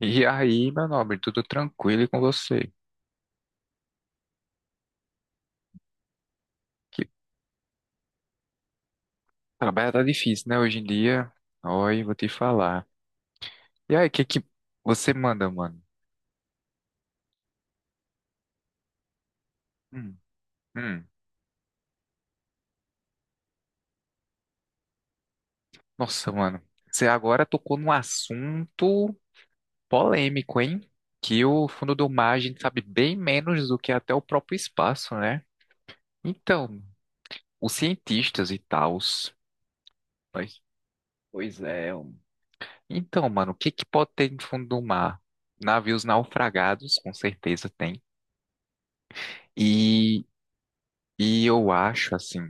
E aí, meu nobre, tudo tranquilo e com você? Que trabalho tá difícil, né, hoje em dia? Oi, vou te falar. E aí, o que que você manda, mano? Hum, hum. Nossa, mano, você agora tocou num assunto polêmico, hein? Que o fundo do mar a gente sabe bem menos do que até o próprio espaço, né? Então, os cientistas e tals. Pois, pois é. Hum. Então, mano, o que que pode ter no fundo do mar? Navios naufragados, com certeza tem. E, e eu acho, assim,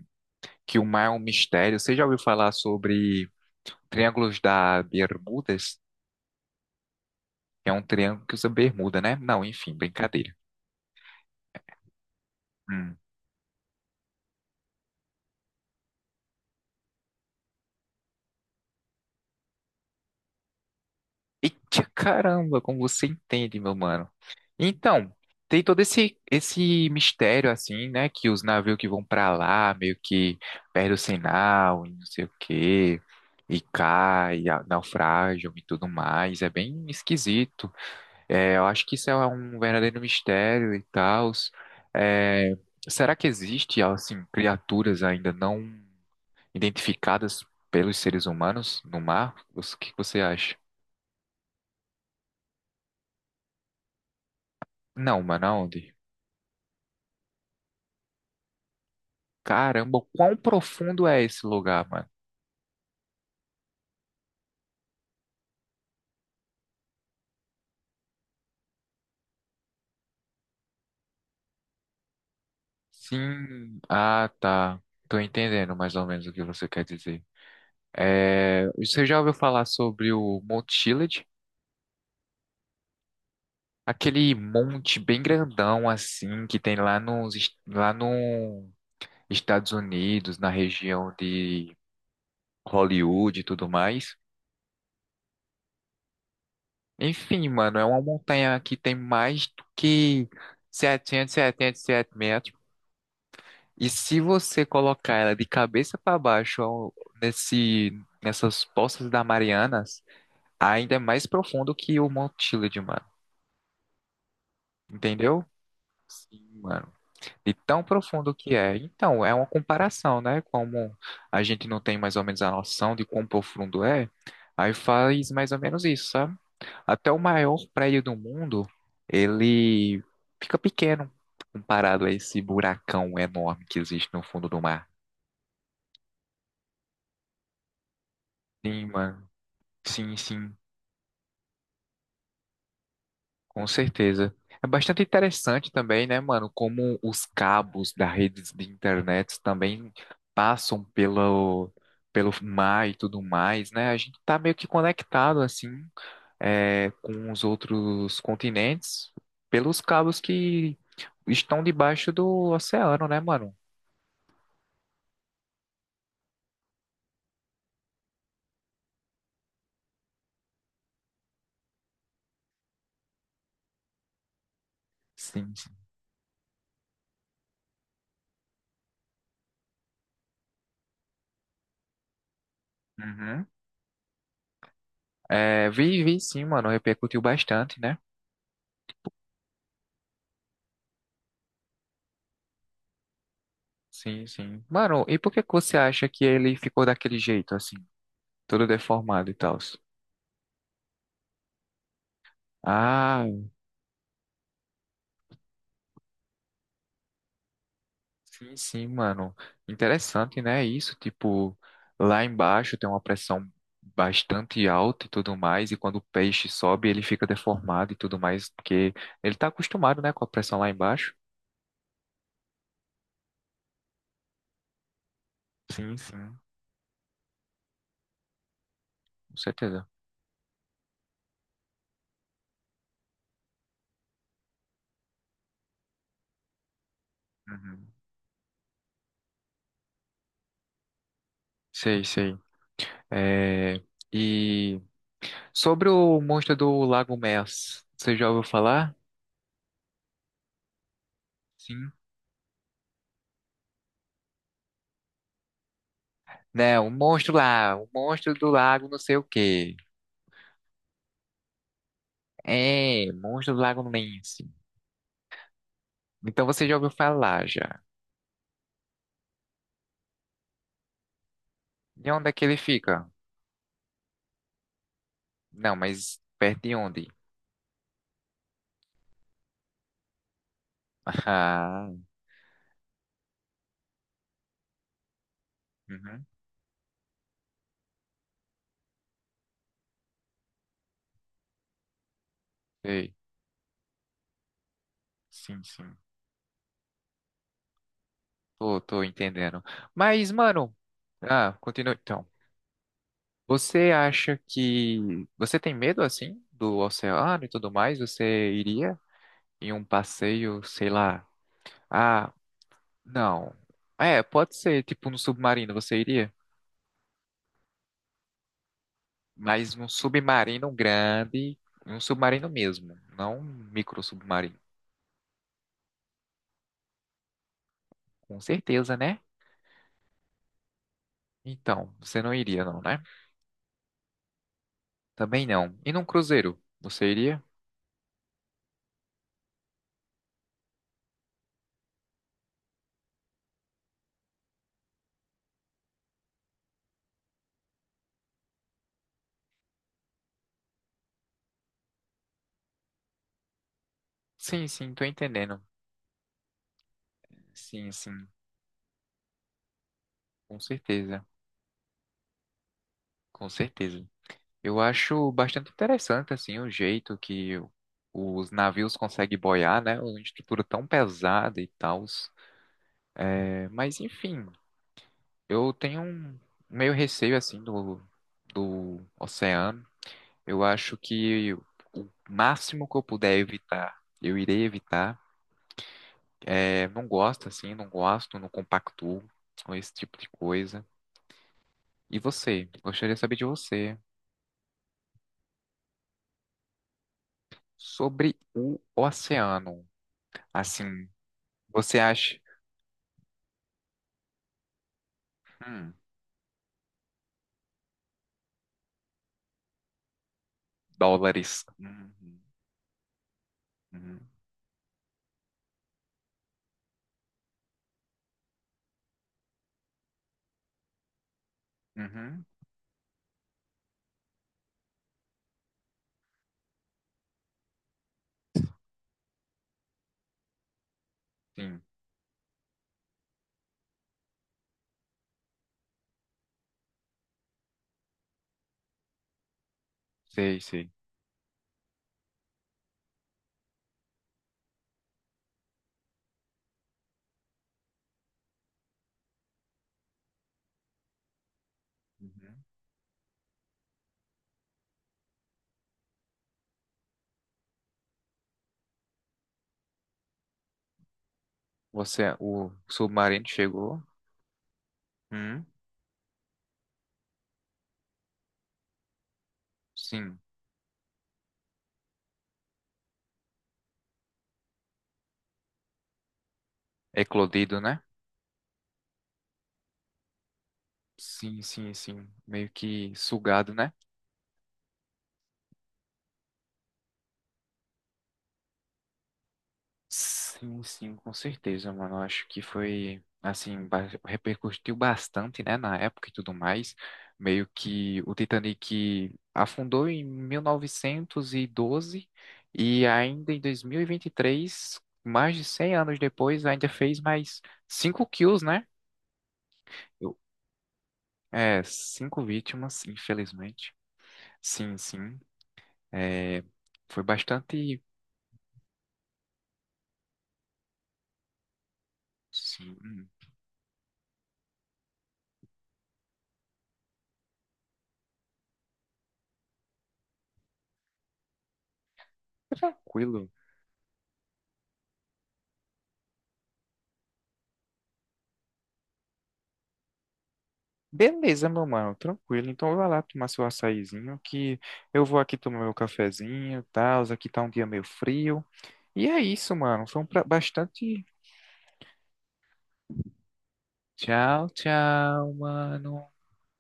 que o mar é um mistério. Você já ouviu falar sobre triângulos da Bermudas? É um triângulo que usa bermuda, né? Não, enfim, brincadeira. Hum. Eita caramba, como você entende, meu mano. Então, tem todo esse mistério, assim, né? Que os navios que vão pra lá meio que perdem o sinal e não sei o quê. E cai, naufragam e tudo mais. É bem esquisito. É, eu acho que isso é um verdadeiro mistério e tal. É, será que existe, assim, criaturas ainda não identificadas pelos seres humanos no mar? O que você acha? Não, mano, aonde? Caramba, quão profundo é esse lugar, mano? Sim, ah, tá. Tô entendendo mais ou menos o que você quer dizer. É, você já ouviu falar sobre o Monte Chiliad? Aquele monte bem grandão assim que tem lá lá no Estados Unidos, na região de Hollywood e tudo mais. Enfim, mano, é uma montanha que tem mais do que 777 metros. E se você colocar ela de cabeça para baixo nesse, nessas Poças da Marianas, ainda é mais profundo que o Monte Chiliad, mano. Entendeu? Sim, mano. E tão profundo que é. Então, é uma comparação, né? Como a gente não tem mais ou menos a noção de quão profundo é, aí faz mais ou menos isso, sabe? Até o maior prédio do mundo, ele fica pequeno comparado a esse buracão enorme que existe no fundo do mar. Sim, mano. Sim, sim. Com certeza. É bastante interessante também, né, mano, como os cabos da rede de internet também passam pelo mar e tudo mais, né? A gente tá meio que conectado, assim, é, com os outros continentes pelos cabos que estão debaixo do oceano, né, mano? Sim, sim. Uhum. É, vi sim, mano, repercutiu bastante, né? Sim, sim. Mano, e por que que você acha que ele ficou daquele jeito, assim, todo deformado e tal? Ah, sim, sim, mano. Interessante, né? Isso, tipo, lá embaixo tem uma pressão bastante alta e tudo mais, e quando o peixe sobe, ele fica deformado e tudo mais, porque ele tá acostumado, né, com a pressão lá embaixo. Sim, sim, com certeza. Uhum. Sei, sei. É... E sobre o monstro do Lago Mers, você já ouviu falar? Sim. Não, o monstro do lago não sei o quê. É, monstro do lago Ness. Então você já ouviu falar já. De onde é que ele fica? Não, mas perto de onde? Ah, uhum, sei. Sim, sim. Tô entendendo. Mas, mano, continua então. Você acha que você tem medo assim do oceano e tudo mais? Você iria em um passeio, sei lá. Ah, não. É, pode ser, tipo no submarino, você iria? Mas num submarino grande, um submarino mesmo, não um micro submarino. Com certeza, né? Então, você não iria, não, né? Também não. E num cruzeiro, você iria? Sim, sim, tô entendendo. Sim, sim, com certeza, com certeza. Eu acho bastante interessante, assim, o jeito que os navios conseguem boiar, né? Uma estrutura tão pesada e tal. É, mas, enfim, eu tenho um meio receio, assim, do oceano. Eu acho que o máximo que eu puder evitar, eu irei evitar. É, não gosto assim, não gosto, não compactuo com esse tipo de coisa. E você? Gostaria de saber de você sobre o oceano. Assim, você acha? Hum, dólares. Uhum, uhum, uhum, sim, sei, sei. Uhum. Você, o submarino chegou? Hum, sim, eclodido, né? Sim, sim, sim. Meio que sugado, né? Sim, sim, com certeza, mano. Eu acho que foi, assim, repercutiu bastante, né, na época e tudo mais. Meio que o Titanic afundou em 1912 e 12 e ainda em 2023, mais de 100 anos depois, ainda fez mais cinco kills, né? Eu- É, cinco vítimas, infelizmente. Sim, sim. É, foi bastante, sim, tranquilo. Beleza, meu mano, tranquilo. Então vai lá tomar seu açaizinho, que eu vou aqui tomar meu cafezinho, tal. Aqui tá um dia meio frio. E é isso, mano. Foi um pra... bastante. Tchau, tchau, mano.